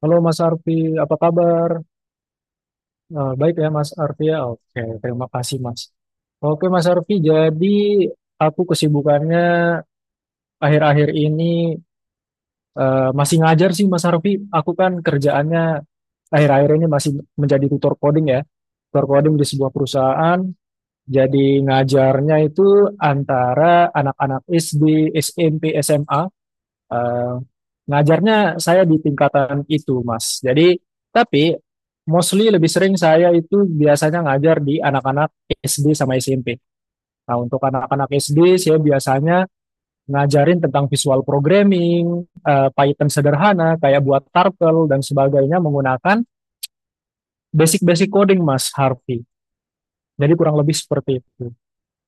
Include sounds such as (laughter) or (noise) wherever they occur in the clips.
Halo Mas Arfi, apa kabar? Baik ya Mas Arfi ya. Oke, terima kasih Mas. Oke Mas Arfi, jadi aku kesibukannya akhir-akhir ini masih ngajar sih Mas Arfi. Aku kan kerjaannya akhir-akhir ini masih menjadi tutor coding ya. Tutor coding di sebuah perusahaan. Jadi ngajarnya itu antara anak-anak SD, SMP, SMA. Eh, Ngajarnya saya di tingkatan itu, Mas. Jadi, tapi mostly lebih sering saya itu biasanya ngajar di anak-anak SD sama SMP. Nah, untuk anak-anak SD, saya biasanya ngajarin tentang visual programming, Python sederhana, kayak buat turtle dan sebagainya menggunakan basic-basic coding, Mas Harvey. Jadi kurang lebih seperti itu.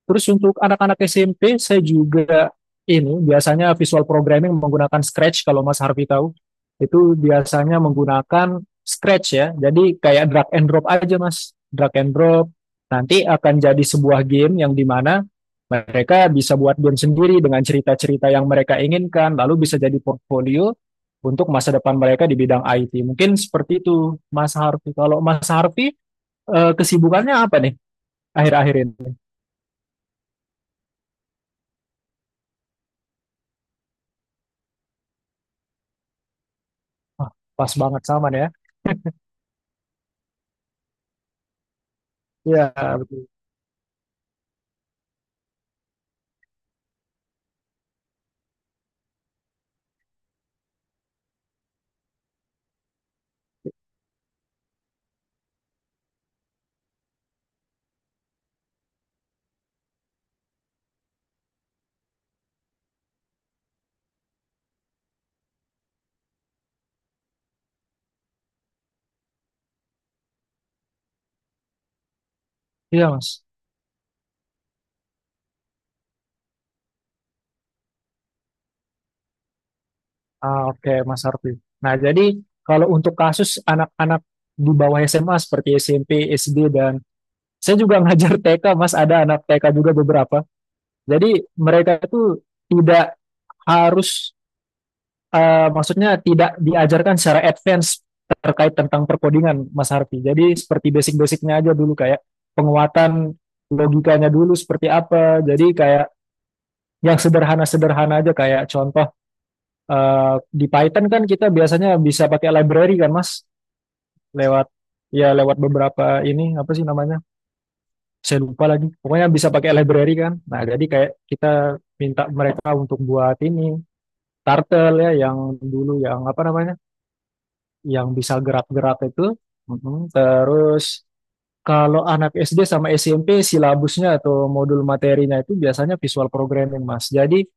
Terus untuk anak-anak SMP, saya juga ini biasanya visual programming menggunakan Scratch kalau Mas Harvey tahu. Itu biasanya menggunakan Scratch ya. Jadi kayak drag and drop aja Mas. Drag and drop. Nanti akan jadi sebuah game yang dimana mereka bisa buat game sendiri dengan cerita-cerita yang mereka inginkan. Lalu bisa jadi portfolio untuk masa depan mereka di bidang IT. Mungkin seperti itu Mas Harvey. Kalau Mas Harvey, kesibukannya apa nih akhir-akhir ini? Wah, pas banget sama ya. Iya, betul. Iya, Mas. Ah, oke, Mas Harfi. Nah, jadi kalau untuk kasus anak-anak di bawah SMA seperti SMP, SD, dan saya juga (laughs) ngajar TK, Mas. Ada anak TK juga beberapa. Jadi mereka itu tidak harus, maksudnya tidak diajarkan secara advance terkait tentang perkodingan, Mas Harfi. Jadi seperti basic-basicnya aja dulu, kayak penguatan logikanya dulu seperti apa. Jadi kayak yang sederhana-sederhana aja, kayak contoh di Python kan kita biasanya bisa pakai library kan Mas, lewat ya lewat beberapa ini apa sih namanya, saya lupa lagi pokoknya bisa pakai library kan. Nah jadi kayak kita minta mereka untuk buat ini turtle ya, yang dulu yang apa namanya, yang bisa gerak-gerak itu. Mhm. Terus kalau anak SD sama SMP silabusnya atau modul materinya itu biasanya visual programming Mas. Jadi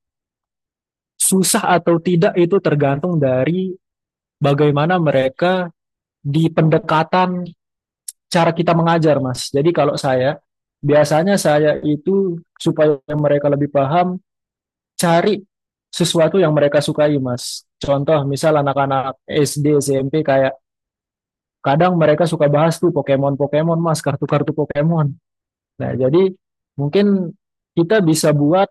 susah atau tidak itu tergantung dari bagaimana mereka di pendekatan cara kita mengajar, Mas. Jadi kalau saya, biasanya saya itu supaya mereka lebih paham, cari sesuatu yang mereka sukai, Mas. Contoh, misal anak-anak SD, SMP kayak kadang mereka suka bahas tuh Pokemon-Pokemon, Mas, kartu-kartu Pokemon. Nah, jadi mungkin kita bisa buat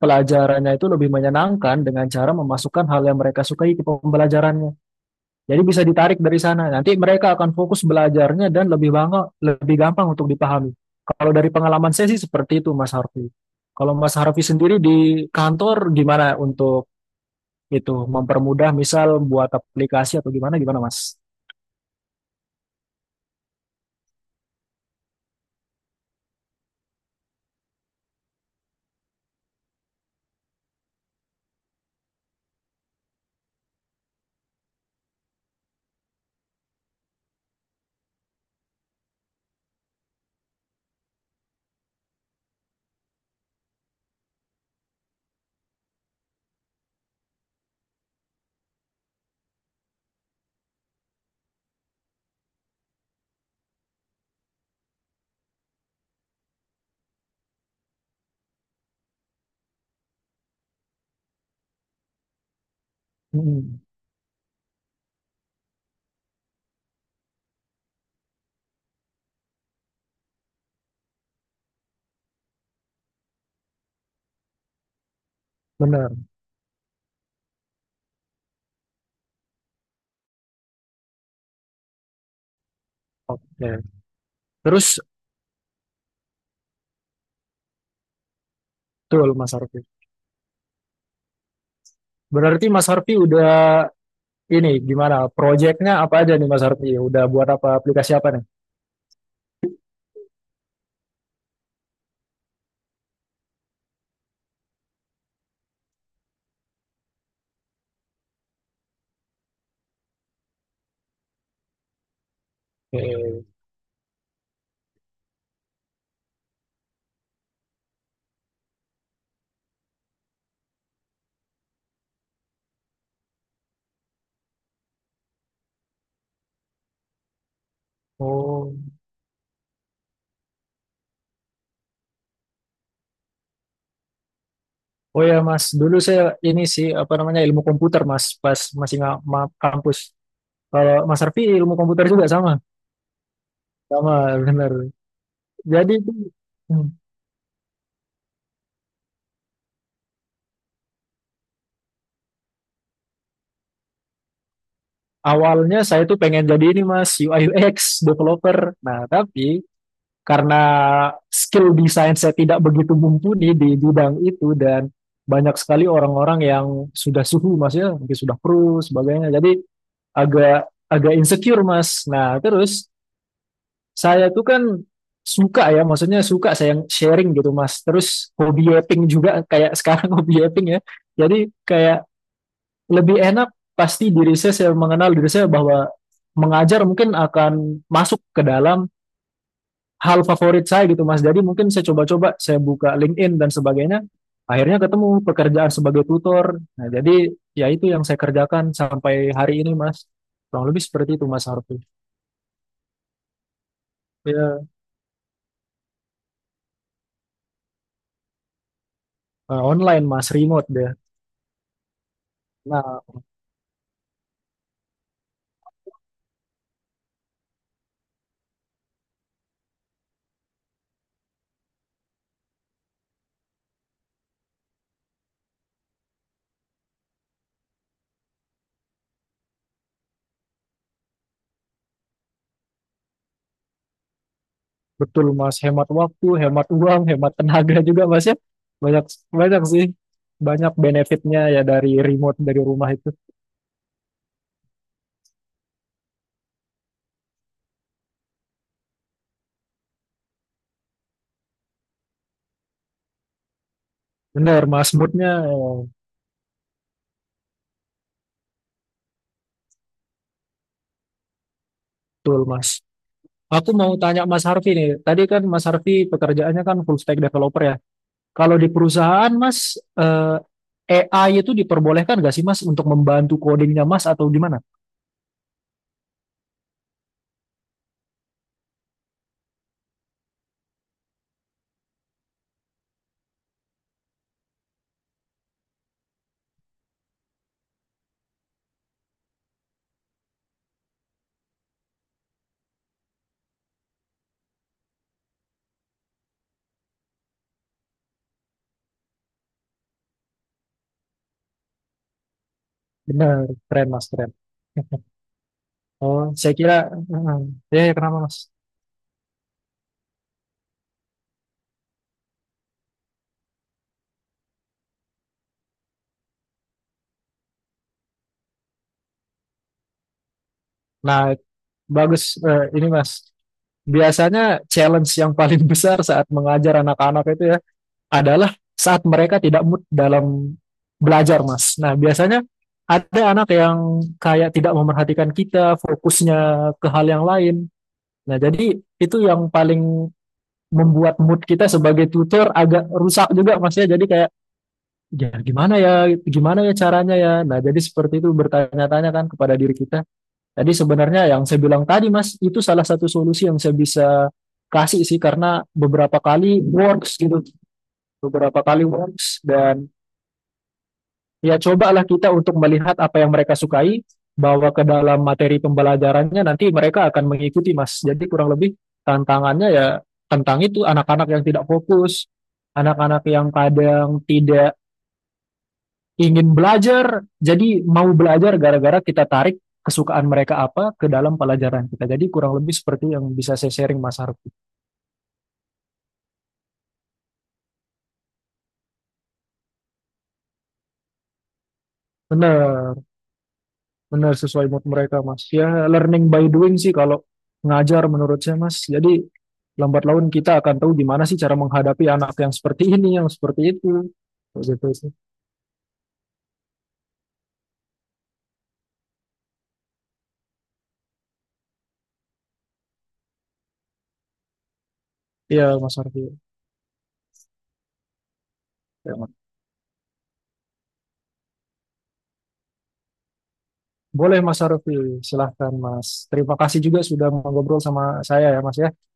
pelajarannya itu lebih menyenangkan dengan cara memasukkan hal yang mereka sukai ke pembelajarannya. Jadi bisa ditarik dari sana. Nanti mereka akan fokus belajarnya dan lebih bangga, lebih gampang untuk dipahami. Kalau dari pengalaman saya sih seperti itu, Mas Harfi. Kalau Mas Harfi sendiri di kantor gimana untuk itu mempermudah misal buat aplikasi atau gimana gimana, Mas? Mm, benar. Oke. Terus betul, Mas Harfi. Berarti Mas Harfi udah ini gimana? Proyeknya apa aja nih, Mas Harfi? Udah buat apa aplikasi apa nih? Oke. Oh. Oh ya Mas, dulu saya ini sih apa namanya ilmu komputer Mas, pas masih nggak ma- kampus. Kalau Mas Arfi ilmu komputer juga sama, sama bener. Jadi itu, hmm, awalnya saya tuh pengen jadi ini Mas UI UX developer. Nah tapi karena skill desain saya tidak begitu mumpuni di bidang itu dan banyak sekali orang-orang yang sudah suhu Mas ya, mungkin sudah pro sebagainya. Jadi agak agak insecure Mas. Nah terus saya tuh kan suka ya, maksudnya suka saya sharing gitu Mas. Terus hobi yapping juga kayak sekarang (laughs) hobi yapping ya. Jadi kayak lebih enak pasti diri saya mengenal diri saya bahwa mengajar mungkin akan masuk ke dalam hal favorit saya gitu Mas. Jadi mungkin saya coba-coba, saya buka LinkedIn dan sebagainya. Akhirnya ketemu pekerjaan sebagai tutor. Nah, jadi ya itu yang saya kerjakan sampai hari ini Mas. Kurang lebih seperti itu Mas Harfi. Ya, online Mas, remote deh. Nah, betul Mas, hemat waktu, hemat uang, hemat tenaga juga Mas ya. Banyak banyak sih, banyak benefitnya ya dari remote dari rumah itu. Benar Mas, moodnya betul Mas. Aku mau tanya Mas Harfi nih, tadi kan Mas Harfi pekerjaannya kan full stack developer ya. Kalau di perusahaan Mas, AI itu diperbolehkan nggak sih Mas untuk membantu codingnya Mas atau gimana? Benar, keren Mas, keren. (laughs) Oh, saya kira, eh, eh, ya ya, kenapa Mas? Nah, bagus ini Mas. Biasanya challenge yang paling (laughs) besar saat mengajar anak-anak itu ya adalah saat mereka tidak mood dalam belajar, Mas. Nah, biasanya ada anak yang kayak tidak memperhatikan kita, fokusnya ke hal yang lain. Nah, jadi itu yang paling membuat mood kita sebagai tutor agak rusak juga Mas ya. Jadi kayak ya gimana ya, gimana ya caranya ya. Nah, jadi seperti itu bertanya-tanya kan kepada diri kita, jadi sebenarnya yang saya bilang tadi Mas, itu salah satu solusi yang saya bisa kasih sih karena beberapa kali works gitu, beberapa kali works dan ya cobalah kita untuk melihat apa yang mereka sukai, bawa ke dalam materi pembelajarannya nanti mereka akan mengikuti Mas. Jadi kurang lebih tantangannya ya tentang itu anak-anak yang tidak fokus, anak-anak yang kadang tidak ingin belajar, jadi mau belajar gara-gara kita tarik kesukaan mereka apa ke dalam pelajaran kita. Jadi kurang lebih seperti yang bisa saya sharing Mas Harfi. Benar, benar sesuai mood mereka Mas. Ya learning by doing sih kalau ngajar menurut saya Mas. Jadi lambat laun kita akan tahu gimana sih cara menghadapi anak yang seperti (laughs) ini, yang seperti itu. Kayak gitu sih. Iya Mas Harfi. Ya, boleh Mas Harfi, silahkan Mas. Terima kasih juga sudah mengobrol sama saya ya Mas ya.